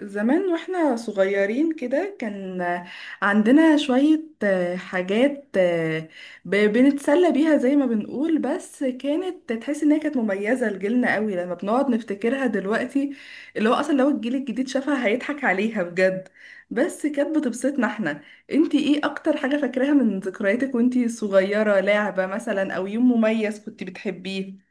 زمان واحنا صغيرين كده كان عندنا شوية حاجات بنتسلى بيها زي ما بنقول، بس كانت تحس انها كانت مميزة لجيلنا قوي لما بنقعد نفتكرها دلوقتي. اللي هو اصلا لو الجيل الجديد شافها هيضحك عليها بجد، بس كانت بتبسطنا احنا. انتي ايه اكتر حاجة فاكراها من ذكرياتك وانتي صغيرة؟ لعبة مثلا او يوم مميز كنت بتحبيه؟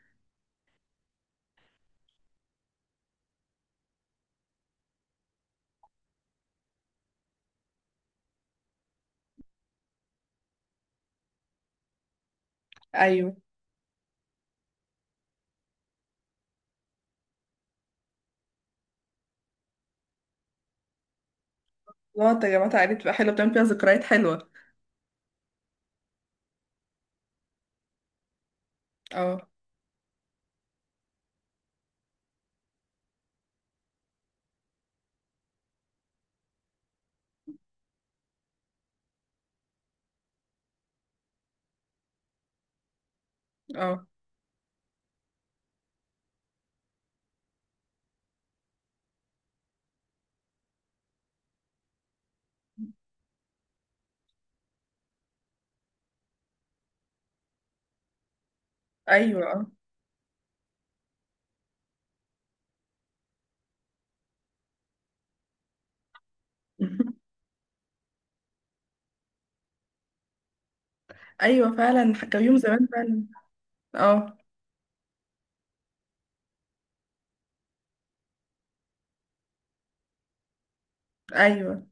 ايوه. الله يا جماعة، عائلة بقى حلوة بتعمل فيها ذكريات حلوة. اه. اه. ايوه. اه. ايوه فعلا، كان يوم زمان فعلا. اه. ايوه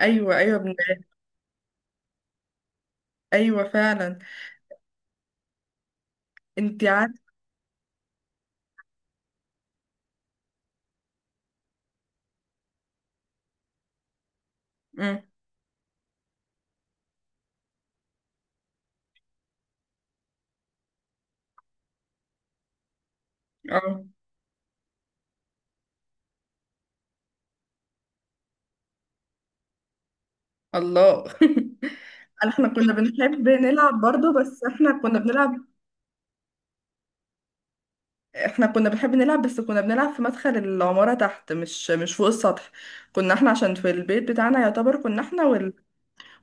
ايوه. ايوه ابن-. ايوه فعلا. انت عارفه. أمم. اه. الله. احنا كنا بنحب نلعب برضه، بس احنا كنا بنلعب. احنا كنا بنحب نلعب، بس كنا بنلعب في مدخل العمارة تحت، مش فوق السطح. كنا احنا عشان في البيت بتاعنا يعتبر كنا احنا،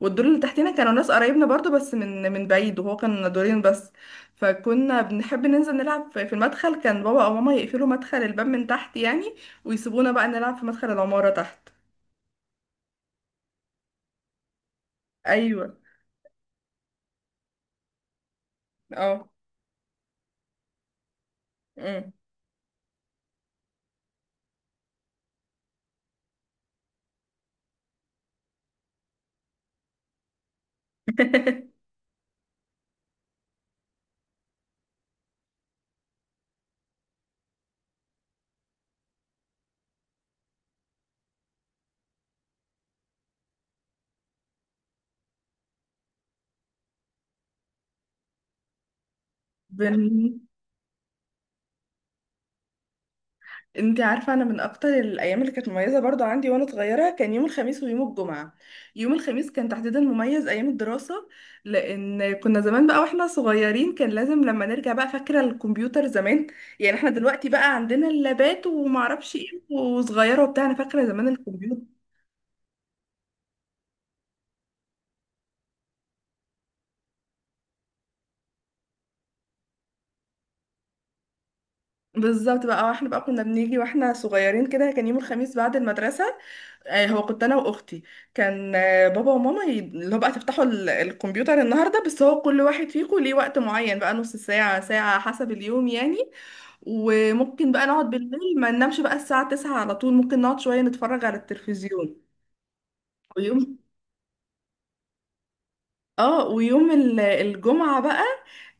والدور اللي تحتنا كانوا ناس قرايبنا برضو، بس من بعيد، وهو كان دورين بس. فكنا بنحب ننزل نلعب في المدخل. كان بابا او ماما يقفلوا مدخل الباب من تحت يعني، ويسيبونا بقى نلعب في مدخل العمارة تحت. ايوه. اه. أمم. بن... انت عارفة، انا من اكتر الايام اللي كانت مميزة برضو عندي وانا صغيرة كان يوم الخميس ويوم الجمعة. يوم الخميس كان تحديدا مميز ايام الدراسة، لان كنا زمان بقى واحنا صغيرين كان لازم لما نرجع بقى، فاكرة الكمبيوتر زمان؟ يعني احنا دلوقتي بقى عندنا اللابات ومعرفش ايه وصغيرة وبتاع، انا فاكرة زمان الكمبيوتر. بالظبط بقى، واحنا بقى كنا بنيجي واحنا صغيرين كده كان يوم الخميس بعد المدرسة. هو كنت انا واختي، كان بابا وماما اللي هو بقى تفتحوا الكمبيوتر النهارده، بس هو كل واحد فيكم ليه وقت معين بقى، نص ساعة ساعة حسب اليوم يعني. وممكن بقى نقعد بالليل ما ننامش بقى الساعة 9 على طول، ممكن نقعد شوية نتفرج على التلفزيون. ويوم اه، ويوم الجمعة بقى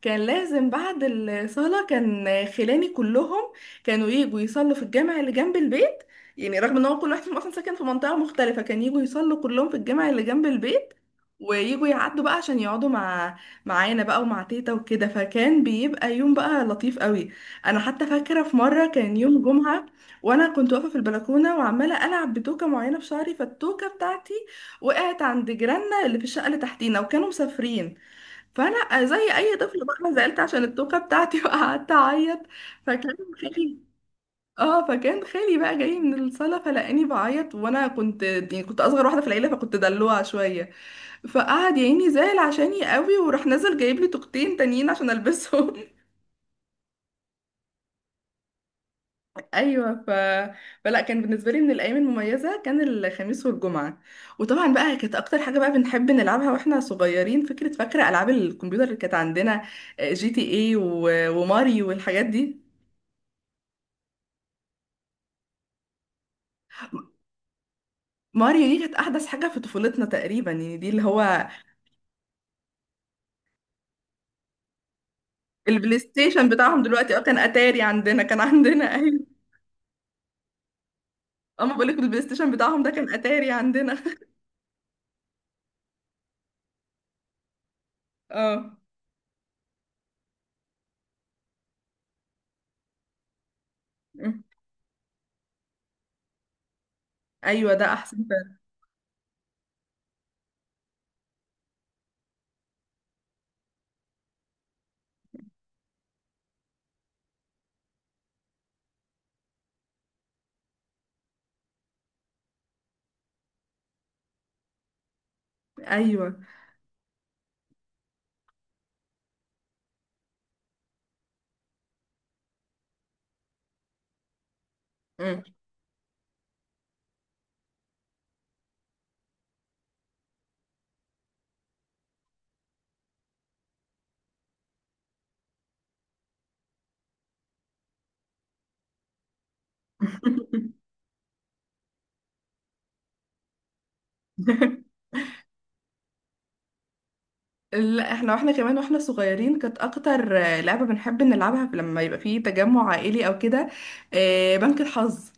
كان لازم بعد الصلاة، كان خلاني كلهم كانوا يجوا يصلوا في الجامع اللي جنب البيت، يعني رغم ان هو كل واحد فيهم اصلا ساكن في منطقة مختلفة كان يجوا يصلوا كلهم في الجامع اللي جنب البيت، ويجوا يعدوا بقى عشان يقعدوا مع معانا بقى ومع تيتا وكده، فكان بيبقى يوم بقى لطيف قوي. انا حتى فاكرة في مرة كان يوم جمعة وانا كنت واقفة في البلكونة وعمالة العب بتوكة معينة في شعري، فالتوكة بتاعتي وقعت عند جيراننا اللي في الشقة اللي تحتينا، وكانوا مسافرين. فأنا زي أي طفل بقى أنا زعلت عشان التوكة بتاعتي وقعدت أعيط. فكان خالي، اه، فكان خالي بقى جاي من الصالة فلقاني بعيط، وأنا كنت يعني كنت أصغر واحدة في العيلة فكنت دلوعة شوية، فقعد يا عيني زعل عشاني قوي، وراح نزل جايب لي توكتين تانيين عشان ألبسهم. ايوه. فلا، كان بالنسبه لي من الايام المميزه كان الخميس والجمعه. وطبعا بقى كانت اكتر حاجه بقى بنحب نلعبها واحنا صغيرين، فاكره العاب الكمبيوتر اللي كانت عندنا؟ جي تي اي و... وماريو والحاجات دي. ماريو دي كانت احدث حاجه في طفولتنا تقريبا، يعني دي اللي هو البلاي ستيشن بتاعهم دلوقتي. اه كان اتاري عندنا، كان عندنا. ايوه. اما بقول لك البلاي ستيشن بتاعهم ده كان اتاري عندنا. اه. أمم. ايوه ده احسن فعلا. ايوه. لا احنا، واحنا كمان واحنا صغيرين، كانت اكتر لعبة بنحب نلعبها لما يبقى فيه تجمع عائلي او كده، بنك الحظ.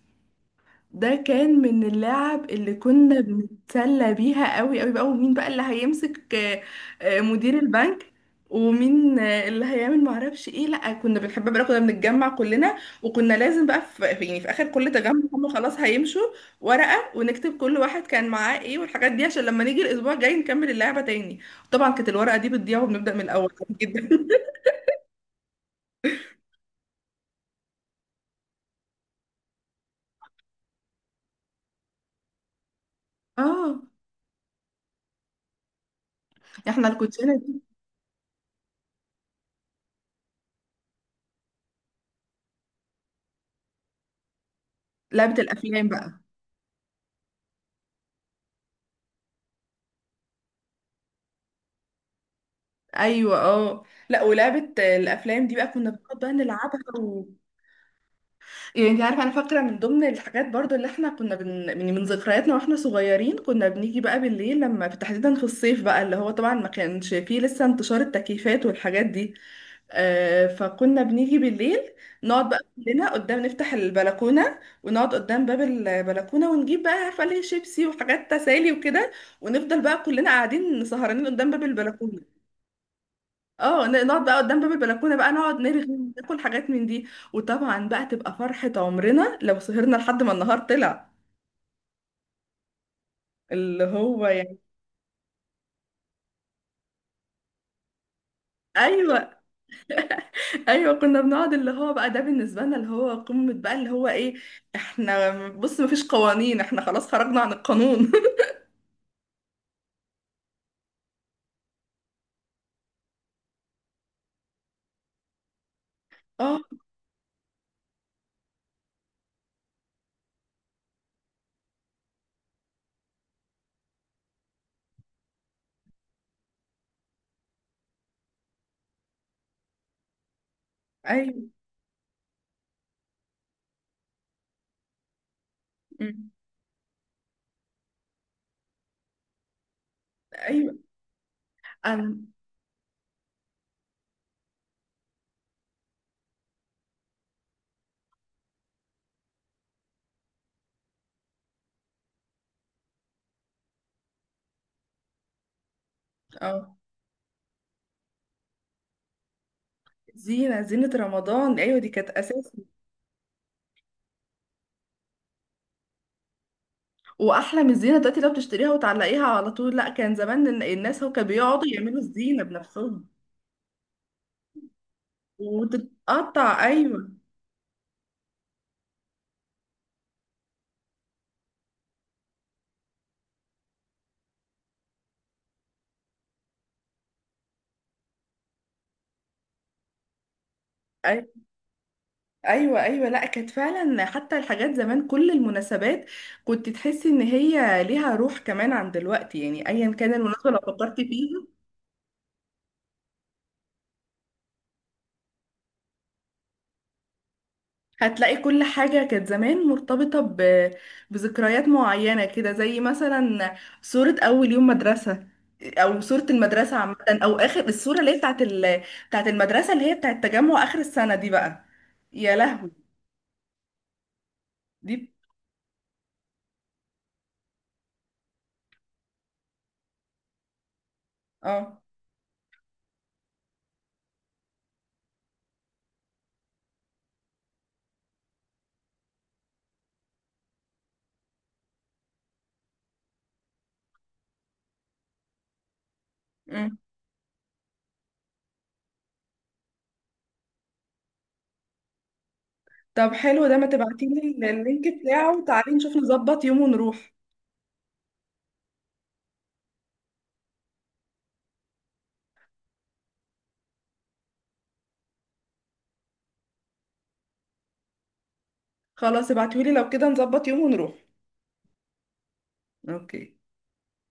ده كان من اللعب اللي كنا بنتسلى بيها قوي قوي بقى. ومين بقى اللي هيمسك مدير البنك؟ ومين اللي هيعمل معرفش ايه. لا كنا بنحب بقى كنا بنتجمع كلنا، وكنا لازم بقى يعني في اخر كل تجمع هم خلاص هيمشوا ورقة ونكتب كل واحد كان معاه ايه والحاجات دي، عشان لما نيجي الاسبوع الجاي نكمل اللعبة تاني. طبعا كانت الورقة دي بتضيع وبنبدأ من الاول عادي جدا. اه. احنا الكوتشينة دي. لعبة الافلام بقى. ايوه اه. لا ولعبه الافلام دي بقى كنا بنقعد بقى نلعبها و... يعني انت عارفه، انا فاكره من ضمن الحاجات برضو اللي احنا كنا من من ذكرياتنا واحنا صغيرين، كنا بنيجي بقى بالليل لما تحديدا في الصيف بقى، اللي هو طبعا ما كانش فيه لسه انتشار التكييفات والحاجات دي. آه، فكنا بنيجي بالليل نقعد بقى كلنا قدام، نفتح البلكونه ونقعد قدام باب البلكونه ونجيب بقى عارفه ليه شيبسي وحاجات تسالي وكده، ونفضل بقى كلنا قاعدين سهرانين قدام باب البلكونه. اه، نقعد بقى قدام باب البلكونه بقى، نقعد نرغي، ناكل حاجات من دي. وطبعا بقى تبقى فرحه عمرنا لو سهرنا لحد ما النهار طلع، اللي هو يعني. ايوه. ايوه كنا بنقعد اللي هو بقى، ده بالنسبه لنا اللي هو قمه بقى، اللي هو ايه، احنا بص مفيش قوانين، احنا خلاص خرجنا عن القانون. اه. ايوه. أمم. ايوه انا. اه. زينة، زينة رمضان، ايوه دي كانت اساسي. واحلى من الزينة دلوقتي لو بتشتريها وتعلقيها على طول. لا كان زمان الناس هو كانوا بيقعدوا يعملوا الزينة بنفسهم. وتتقطع، ايوه. أي-. ايوه ايوه. لا كانت فعلا، حتى الحاجات زمان كل المناسبات كنت تحسي ان هي ليها روح كمان عن دلوقتي. يعني ايا كان المناسبه لو فكرتي فيها هتلاقي كل حاجه كانت زمان مرتبطه ب... بذكريات معينه كده، زي مثلا صوره اول يوم مدرسه، او صوره المدرسه عامه، او اخر الصوره اللي هي بتاعت المدرسه اللي هي بتاعت تجمع اخر السنه دي بقى. يا لهوي. دي. اه. إمم. طب حلو ده، ما تبعتيلي اللينك بتاعه، تعالي نشوف نظبط يوم ونروح. خلاص ابعتيهولي، لو كده نظبط يوم ونروح. اوكي.